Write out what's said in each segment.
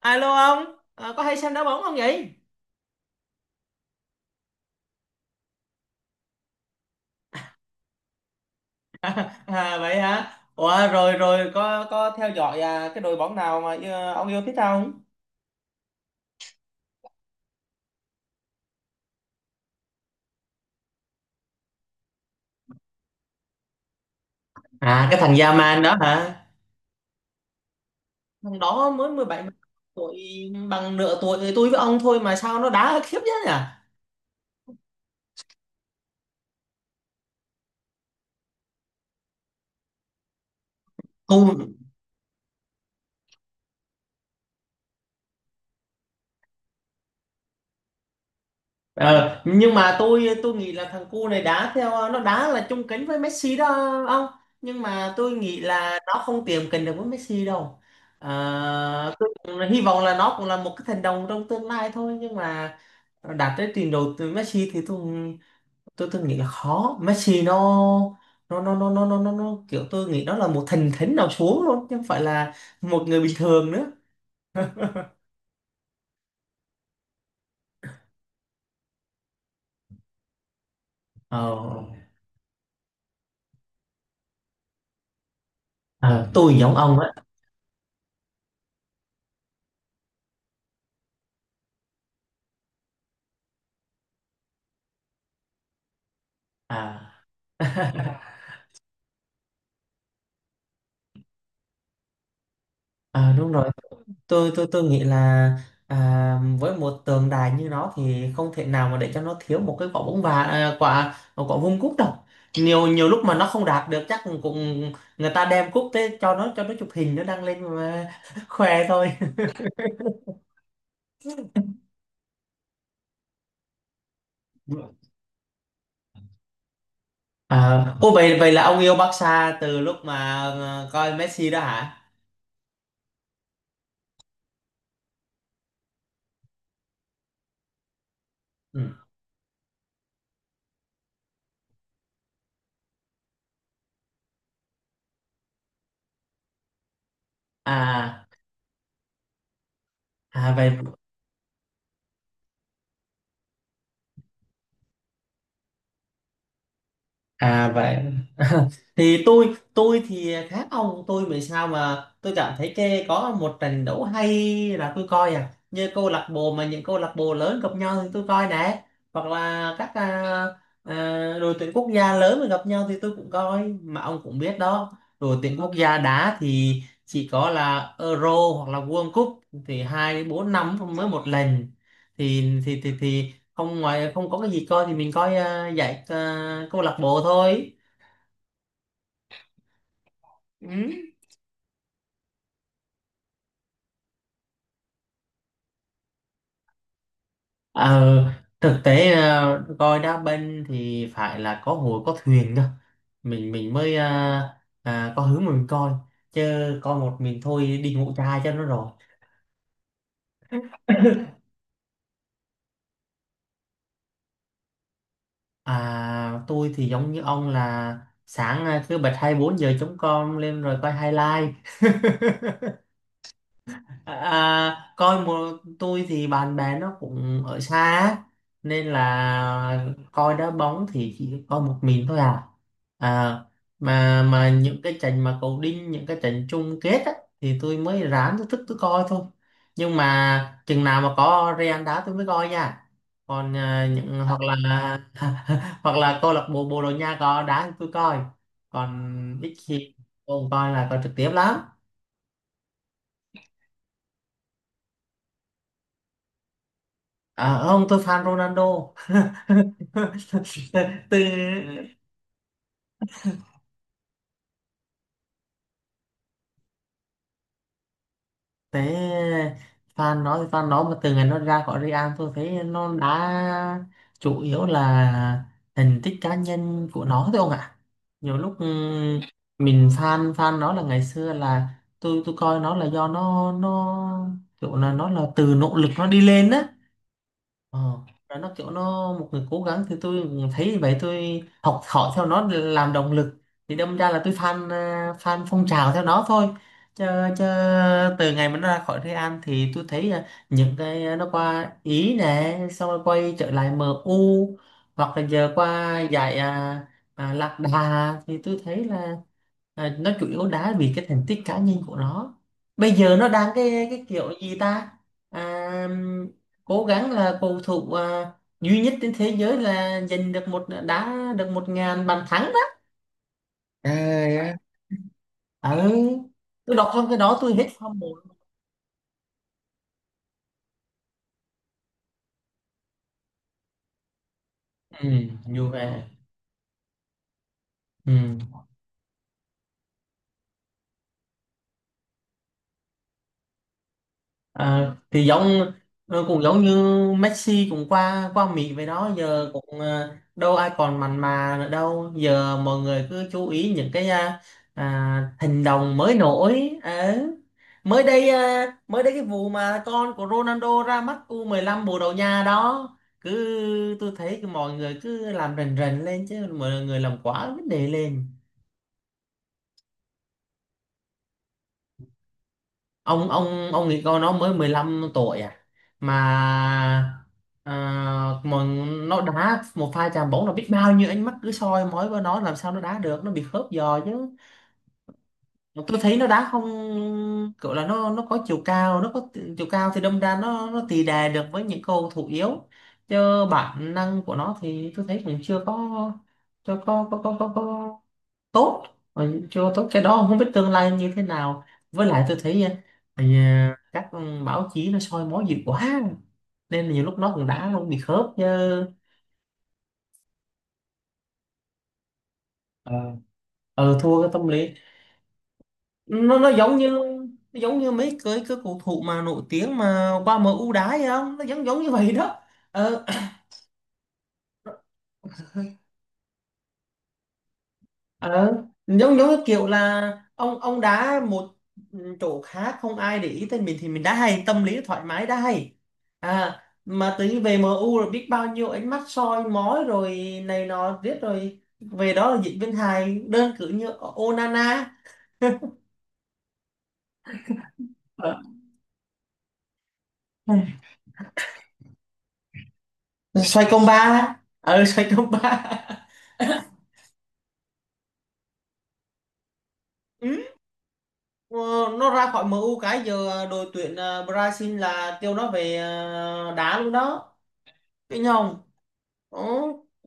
Alo ông. Có hay xem đá bóng không vậy? À, vậy hả? Ủa, rồi rồi có theo dõi à, cái đội bóng nào mà ông yêu thích không? À, cái thằng Yaman đó hả? Thằng đó mới 17 tuổi, bằng nửa tuổi tôi với ông thôi mà sao nó đá khiếp thế nhỉ? Tôi Ờ, nhưng mà tôi nghĩ là thằng cu này đá theo nó đá là chung kính với Messi đó ông, nhưng mà tôi nghĩ là nó không tiệm cận được với Messi đâu. Tôi cũng hy vọng là nó cũng là một cái thần đồng trong tương lai thôi, nhưng mà đạt tới trình độ từ Messi thì tôi nghĩ là khó. Messi nó kiểu tôi nghĩ đó là một thần thánh nào xuống luôn chứ không phải là một người bình thường nữa. ờ, ờ, tôi giống ông á. à, À, đúng rồi. Tôi nghĩ là, à, với một tượng đài như nó thì không thể nào mà để cho nó thiếu một cái quả bóng, và quả quả vuông cúp đâu. Nhiều nhiều lúc mà nó không đạt được chắc cũng người ta đem cúp tới cho nó, cho nó chụp hình, nó đăng lên mà khoe thôi. Ô, vậy vậy là ông yêu Barca từ lúc mà coi Messi đó hả? Ừ. à à vậy à vậy Thì tôi thì khác ông. Tôi vì sao mà tôi cảm thấy cái có một trận đấu hay là tôi coi, à, như câu lạc bộ mà những câu lạc bộ lớn gặp nhau thì tôi coi nè, hoặc là các à, đội tuyển quốc gia lớn mà gặp nhau thì tôi cũng coi, mà ông cũng biết đó, đội tuyển quốc gia đá thì chỉ có là Euro hoặc là World Cup thì 2 đến 4 năm mới một lần, thì không ngoài, không có cái gì coi thì mình coi, giải, câu lạc bộ thôi. Ừ. Ờ, Thực tế coi đá banh thì phải là có hội có thuyền cơ, mình mới có hướng mà mình coi, chứ coi một mình thôi đi ngủ chai cho nó rồi. Tôi thì giống như ông là sáng cứ bật 24 giờ chống con lên rồi coi highlight. À, à, coi một Tôi thì bạn bè nó cũng ở xa á, nên là coi đá bóng thì chỉ coi một mình thôi à. à mà những cái trận mà cầu đinh, những cái trận chung kết á, thì tôi mới ráng, tôi thức tôi coi thôi. Nhưng mà chừng nào mà có Real đá tôi mới coi nha, còn à, những hoặc là hoặc là câu lạc bộ Bồ Đào Nha có đá thì tôi coi, còn ít khi tôi không coi là coi trực tiếp lắm. À ông, tôi fan Ronaldo. từ thế Fan nó thì fan nó, mà từ ngày nó ra khỏi Real tôi thấy nó đã chủ yếu là thành tích cá nhân của nó thôi ông ạ. Nhiều lúc mình fan fan nó là ngày xưa là tôi coi nó là do nó kiểu là nó là từ nỗ lực nó đi lên á. Ờ, và nó kiểu nó một người cố gắng thì tôi thấy như vậy, tôi học hỏi theo nó để làm động lực, thì đâm ra là tôi fan, fan phong trào theo nó thôi, chứ, chứ từ ngày mà nó ra khỏi Real An thì tôi thấy, nó qua Ý nè xong rồi quay trở lại MU, hoặc là giờ qua giải, Lạc Đà thì tôi thấy là, nó chủ yếu đá vì cái thành tích cá nhân của nó. Bây giờ nó đang cái kiểu gì ta, à, cố gắng là cầu thủ, duy nhất trên thế giới là giành được một, đá được 1.000 bàn thắng đó. À, yeah. Ừ. Tôi đọc xong cái đó tôi hết phong rồi. Ừ, như vậy. Ừ. À, thì giống, cũng giống như Messi cũng qua qua Mỹ vậy đó, giờ cũng đâu ai còn mặn mà nữa đâu, giờ mọi người cứ chú ý những cái hành động mới nổi. Ờ. Mới đây cái vụ mà con của Ronaldo ra mắt U15 bồ Đào Nha đó, cứ tôi thấy cái mọi người cứ làm rần rần lên, chứ mọi người làm quá vấn đề lên. Ông nghĩ con nó mới 15 tuổi à, mà à, mà nó đá một pha chạm bóng là biết bao nhiêu ánh mắt cứ soi mói vào nó, làm sao nó đá được, nó bị khớp giò chứ. Mà tôi thấy nó đá không kiểu là, nó có chiều cao, nó có chiều cao thì đâm ra nó tì đè được với những cầu thủ yếu, chứ bản năng của nó thì tôi thấy cũng chưa có, chưa có tốt, rồi chưa tốt, cái đó không biết tương lai như thế nào. Với lại tôi thấy các báo chí nó soi mói dữ quá, nên là nhiều lúc nó cũng đã luôn bị khớp chứ. ờ Thua cái tâm lý. nó nó giống như nó giống như mấy cái cầu thủ mà nổi tiếng mà qua em u đá vậy không, nó giống giống như vậy đó. Ờ. Ờ, giống giống cái kiểu là ông đá một chỗ khác, không ai để ý tới mình, thì mình đá hay, tâm lý thoải mái đá hay. À mà tới về MU rồi biết bao nhiêu ánh mắt soi mói rồi này nọ, riết rồi về đó là diễn viên hài, đơn cử như Onana. Ờ. Xoay công ba. Xoay công ba. Ừ. ờ, nó ra khỏi MU cái giờ đội tuyển, Brazil là kêu nó về, đá luôn đó cái nhau. Ồ,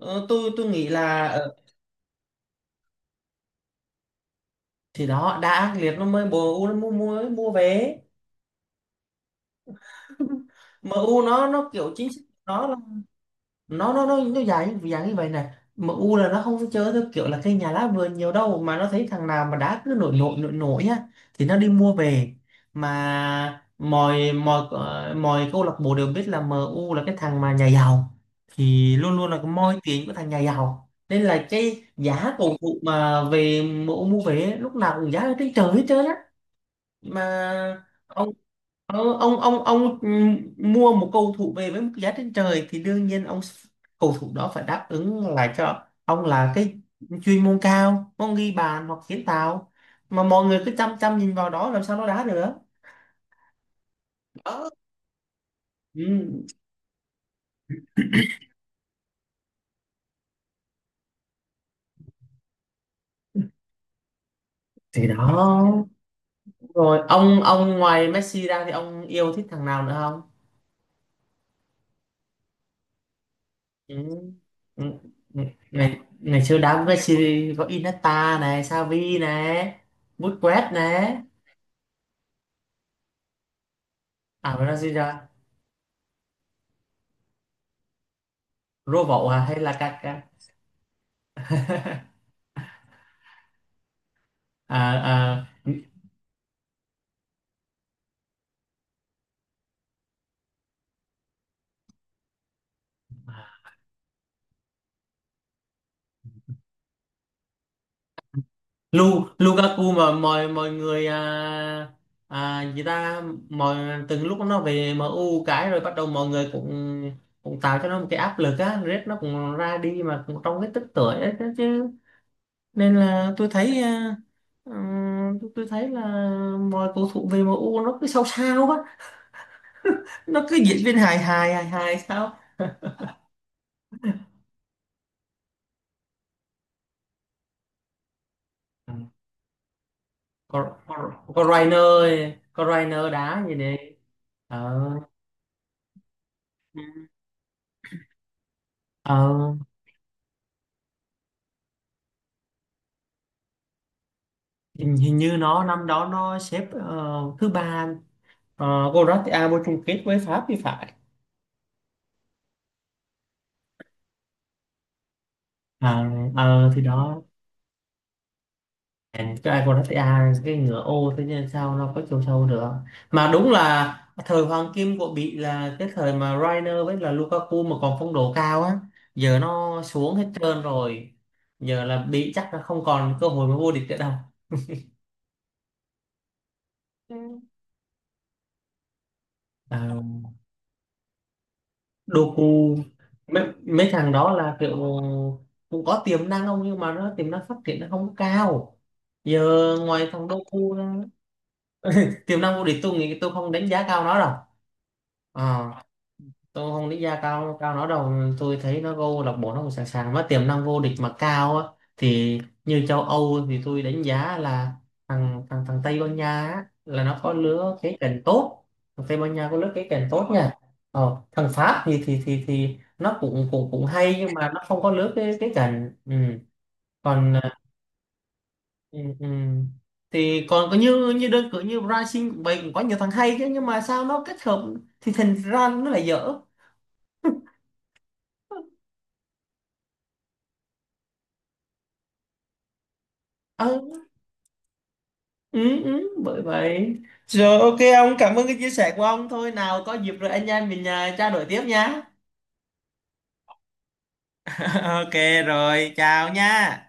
tôi nghĩ là, thì đó đã ác liệt nó mới MU nó mua mua mới mua về MU. Nó kiểu chính sách nó, nó dài như dạng như vậy này. MU là nó không có chơi theo kiểu là cây nhà lá vườn nhiều đâu, mà nó thấy thằng nào mà đá cứ nổi nổi nổi nổi á thì nó đi mua về. Mà mọi mọi ờ, mọi câu lạc bộ đều biết là MU là cái thằng mà nhà giàu, thì luôn luôn là cái moi tiền của thằng nhà giàu, nên là cái giá cầu thủ mà về MU mua về ấy, lúc nào cũng giá ở trên trời hết trơn á. Mà ông, ông mua một cầu thủ về với một giá trên trời thì đương nhiên ông, cầu thủ đó phải đáp ứng lại cho ông là cái chuyên môn cao, ông ghi bàn hoặc kiến tạo, mà mọi người cứ chăm chăm nhìn vào đó làm sao nó đá được. Đó. Ừ. Thì đó. Rồi ông ngoài Messi ra thì ông yêu thích thằng nào nữa không? Ừ. Ừ. Ừ. ngày ngày xưa đá với Messi có Iniesta này, Xavi này, Busquets này. À, Brasilia. Robo à hay là Kaká? à, à Lu Lukaku. Mà mọi mọi người, à, à gì ta mọi lúc nó về em u cái rồi bắt đầu mọi người cũng cũng tạo cho nó một cái áp lực á, Red nó cũng ra đi mà cũng trong cái tức tuổi ấy chứ chứ. Nên là tôi thấy, tôi thấy là mọi cầu thủ về em u nó cứ sao sao á, nó cứ diễn viên hài hài hài hài sao. Có rainer, có rainer đá gì nè. ờ ờ Hình như nó năm đó nó xếp thứ ba. Croatia vô chung kết với Pháp thì phải. ờ thì đó, cái Croatia, cái ngựa ô, thế nên sao nó có chiều sâu được. Mà đúng là thời hoàng kim của Bỉ là cái thời mà rainer với là Lukaku mà còn phong độ cao á, giờ nó xuống hết trơn rồi. Giờ là Bỉ chắc là không còn cơ hội mà vô địch nữa đâu. Ừ. Ờ, Doku. Mấy thằng đó là kiểu cũng có tiềm năng không, nhưng mà nó tiềm năng phát triển nó không có cao. Giờ ngoài thằng Doku ra, tiềm năng của địch tôi nghĩ tôi không đánh giá cao nó đâu. Ờ, tôi không nghĩ ra cao cao nó đâu. Tôi thấy nó vô lạc bộ nó cũng sẵn sàng, nó tiềm năng vô địch mà cao á. Thì như châu Âu thì tôi đánh giá là thằng thằng thằng Tây Ban Nha á, là nó có lứa cái cành tốt. Thằng Tây Ban Nha có lứa cái cành tốt nha. Thằng Pháp thì nó cũng cũng cũng hay, nhưng mà nó không có lứa cái cành. Ừ. Còn ừ, ừ. thì còn có như như đơn cử như Brazil cũng vậy, cũng có nhiều thằng hay chứ, nhưng mà sao nó kết hợp thì thành ra nó lại dở. Ừ, Bởi vậy. Rồi ok ông, cảm ơn cái chia sẻ của ông, thôi nào có dịp rồi anh em mình trao đổi tiếp nhá. Ok. Rồi chào nha.